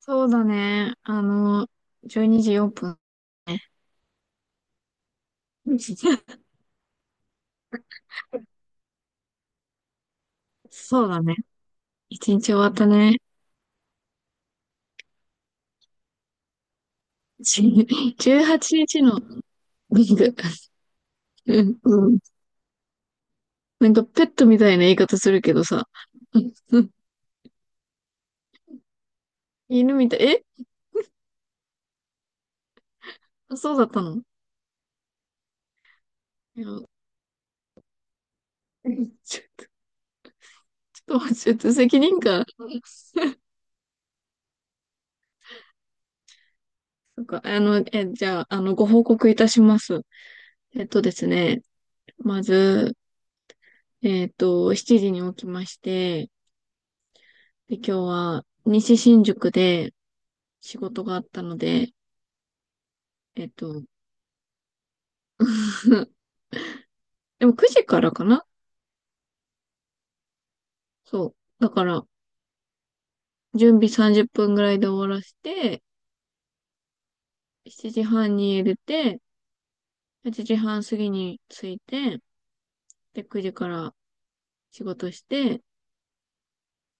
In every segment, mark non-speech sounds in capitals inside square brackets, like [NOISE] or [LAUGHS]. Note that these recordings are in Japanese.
そうだね。12時4分。[LAUGHS] そうだね。一日終わったね。[LAUGHS] 18日のビング。うんうん。なんかペットみたいな言い方するけどさ。[LAUGHS] うんうん。犬みたい。あ、そうだったの。いや、[LAUGHS] ちょちょっと待って、ちょっと責任感。そっか、じゃあ、ご報告いたします。えっとですね、まず、7時に起きまして、で、今日は西新宿で、仕事があったので、えっと、[LAUGHS] でも9時からかな。そう。だから、準備30分ぐらいで終わらせて、7時半に入れて、8時半過ぎに着いて、で、9時から仕事して、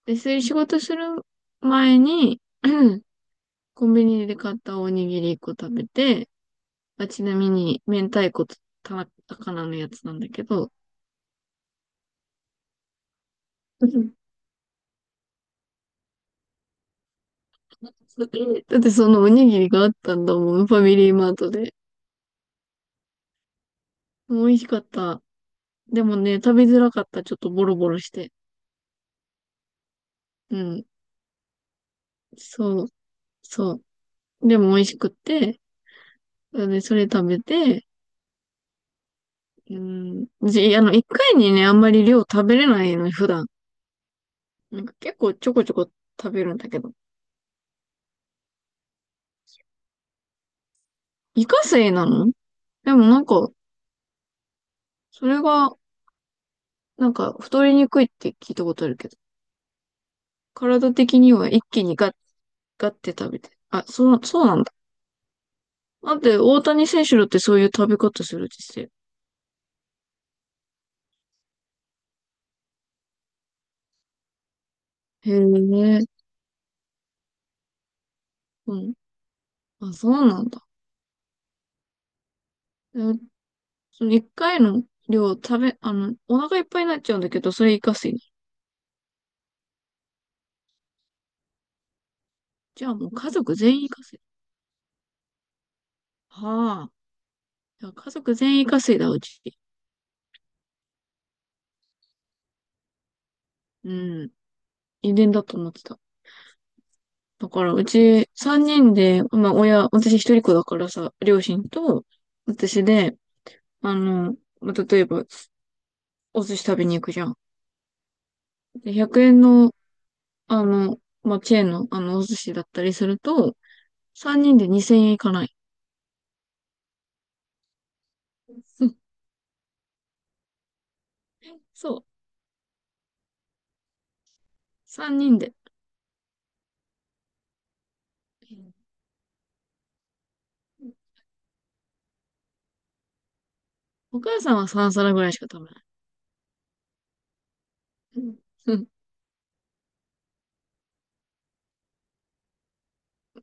で、そういう仕事する前に、[CLEARS THROAT] [LAUGHS] コンビニで買ったおにぎり1個食べて、まあ、ちなみに、明太子と田魚のやつなんだけど、[LAUGHS] だってそのおにぎりがあったんだもん、ファミリーマートで。美味しかった。でもね、食べづらかった。ちょっとボロボロして。うん。そう、そう。でも美味しくって、で、それ食べて、うん。じ、あの、一回にね、あんまり量食べれないの、普段。なんか結構ちょこちょこ食べるんだけど。イカセイなの。でもなんか、それが、なんか、太りにくいって聞いたことあるけど。体的には一気にガッ、ガッて食べて。あ、そう、そうなんだ。だって、大谷選手だってそういう食べ方するって言ってたよ。へえ、うん。あ、そうなんだ。その一回の量食べ、お腹いっぱいになっちゃうんだけど、それイカ水。じゃあもう家族全員イカ水。はあ。じゃあ家族全員イカ水だ、うち。うん。遺伝だと思ってた。だから、うち三人で、まあ親、私一人っ子だからさ、両親と私で、例えば、お寿司食べに行くじゃん。で、100円の、あの、チェーンの、お寿司だったりすると、三人で2000円いかない。うん、そう。三人で。お母さんは3皿ぐらいしか食べない。うん。うん。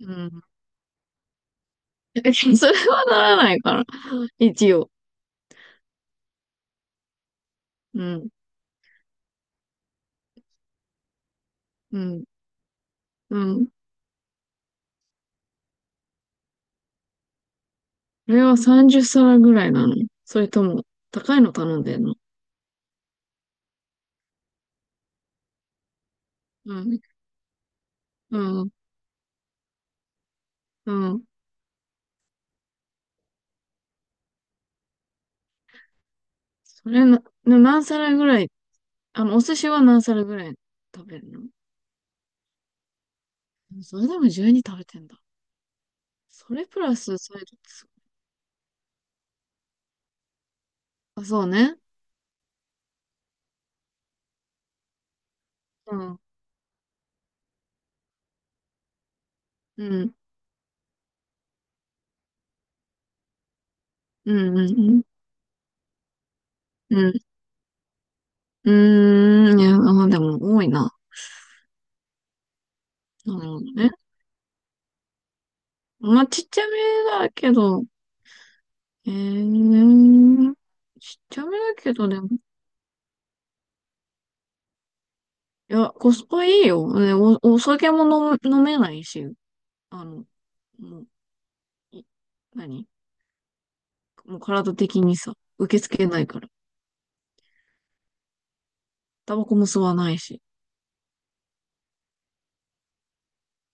うん。 [LAUGHS] それはならないから。一応。うん。うん。うん。これは30皿ぐらいなの？それとも、高いの頼んでんの？うん。うん。うん。それな、な何皿ぐらい、お寿司は何皿ぐらい食べるの？それでも12食べてんだ。それプラスサイドってすごい。あ、そうね。うん。うん。うん。うん。うん。うん。うーん。いや、あ、でも多いな。なるほどね。まあ、ちっちゃめだけど、えー、ちっちゃめだけど。でも、いや、コスパいいよ。ね、お酒も飲む、飲めないし、あの、もう、い、何もう体的にさ、受け付けないから。タバコも吸わないし。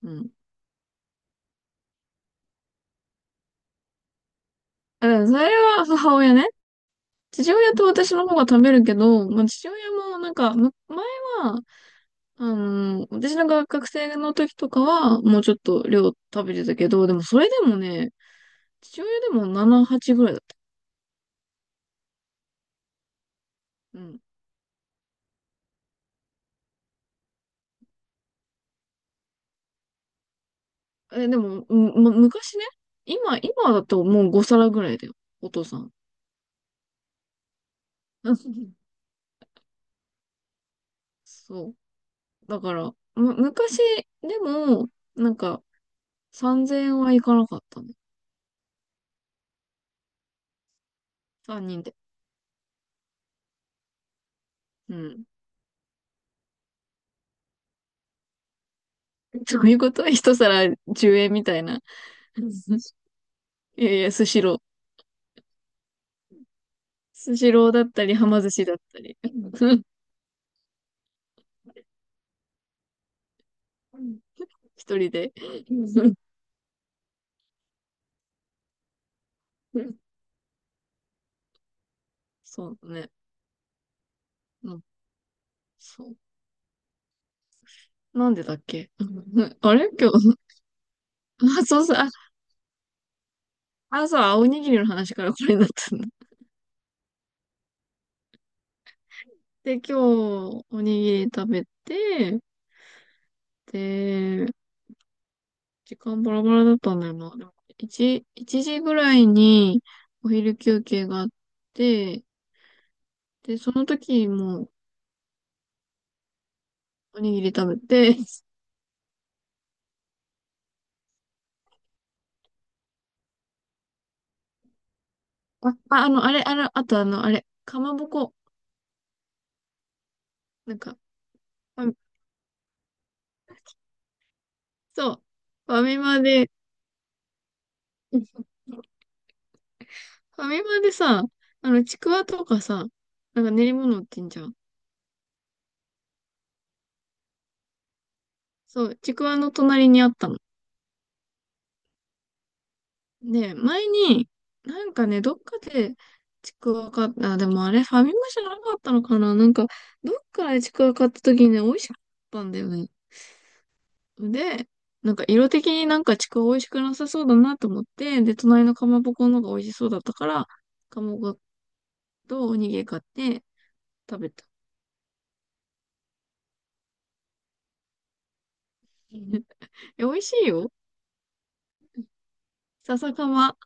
うん。だからそれは母親ね。父親と私の方が食べるけど、まあ、父親もなんか、前は、私の学生の時とかは、もうちょっと量食べてたけど、でもそれでもね、父親でも7、8ぐらいだった。うん。え、でも、昔ね、今だともう5皿ぐらいだよ。お父さん。[LAUGHS] うん、そう。だから、昔でも、なんか、3000円はいかなかったね。3人で。うん。[LAUGHS] どういうこと？ [LAUGHS] 一皿10円みたいな。うん。いやいや、スシロー。スシローだったり、はま寿司だったり。うん、一人で。うん。 [LAUGHS] そうね。うん。そう。なんでだっけ？うん。 [LAUGHS] あれ、今日、まあ、そうそう。あ、朝はおにぎりの話からこれになったんだ。[LAUGHS] で、今日、おにぎり食べて、で、時間バラバラだったんだよな。でも、1、時ぐらいにお昼休憩があって、で、その時もおにぎり食べて、[LAUGHS] あ、あの、あれ、あれ、あとあの、あれ、かまぼこ。なんか、ファそう、ファミマで、[LAUGHS] ファミマでさ、ちくわとかさ、なんか練り物売ってんじゃん。そう、ちくわの隣にあったの。ね、前に、なんかね、どっかで、ちくわ買った、あ、でもあれ、ファミマじゃなかったのかな、なんか、どっかでちくわ買った時にね、美味しかったんだよね。で、なんか色的になんかちくわ美味しくなさそうだなと思って、で、隣のかまぼこの方が美味しそうだったから、かまぼことおにぎり買って食べた。うん。 [LAUGHS] え、美味しいよ。笹かま。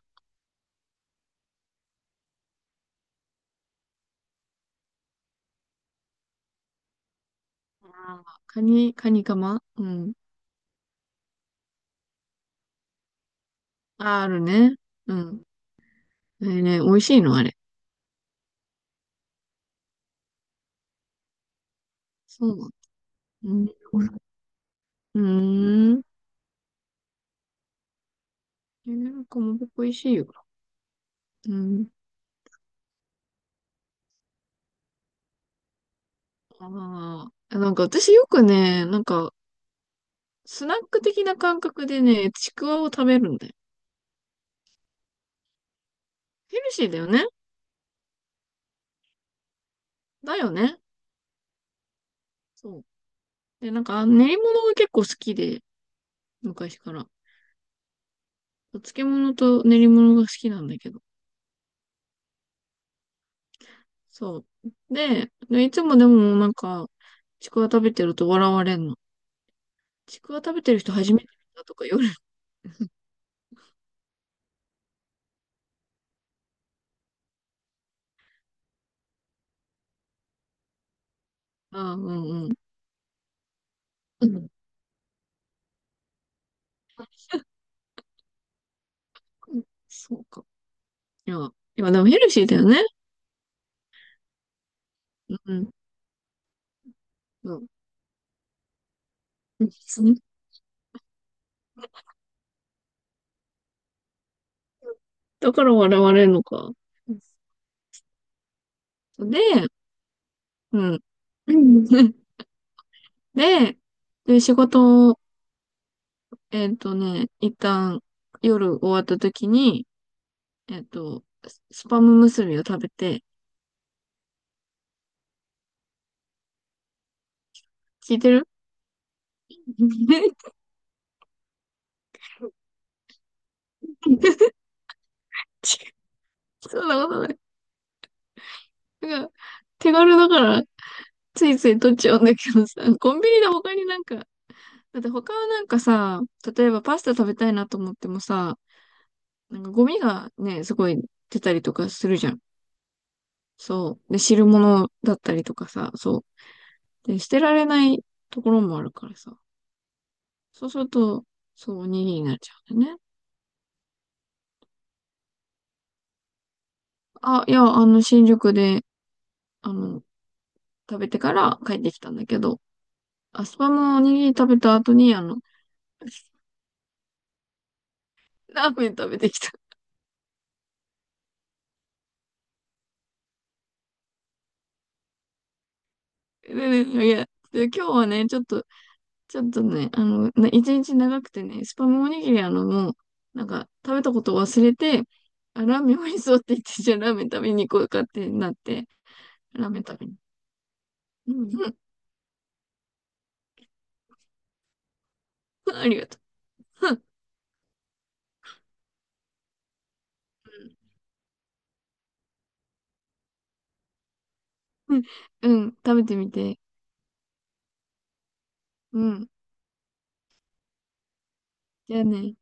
あー、カニかま。うん。あー、あるね。うん。えーね、美味しいのあれ。そうなの。うん。うーん。なんかもう美味しいよ。うん。ああ。なんか私よくね、なんか、スナック的な感覚でね、ちくわを食べるんだよ。ヘルシーだよね。だよね。そう。で、なんか、練り物が結構好きで、昔から。お漬物と練り物が好きなんだけど。そう。で、いつもでもなんか、ちくわ食べてると笑われんの。ちくわ食べてる人初めて見たとか言われる。ああ、うんうん。うん。そうか。いや、いや、でもヘルシーだよね。うん。[LAUGHS] だから笑われるのか。で、うん。[LAUGHS] で、で、仕事を、一旦夜終わった時に、スパム結びを食べて、聞いてる？ [LAUGHS] そんなことない。なんか、手軽だから、ついつい取っちゃうんだけどさ、コンビニで他になんか、だって他はなんかさ、例えばパスタ食べたいなと思ってもさ、なんかゴミがね、すごい出たりとかするじゃん。そう。で、汁物だったりとかさ、そう。で、捨てられないところもあるからさ。そうすると、そう、おにぎりになっちゃうんだよね。あ、いや、新宿で、あの、食べてから帰ってきたんだけど、アスパムおにぎり食べた後に、[LAUGHS] ラーメン食べてきた。で、ね、いや、で、今日はね、ちょっと、ちょっとね、一日長くてね、スパムおにぎりなんか、食べたことを忘れて、あ、ラーメン美味しそうって言って、じゃあラーメン食べに行こうかってなって、ラーメン食べに。うん。[LAUGHS] ありがとう。うん。うん。食べてみて。うん。じゃあね。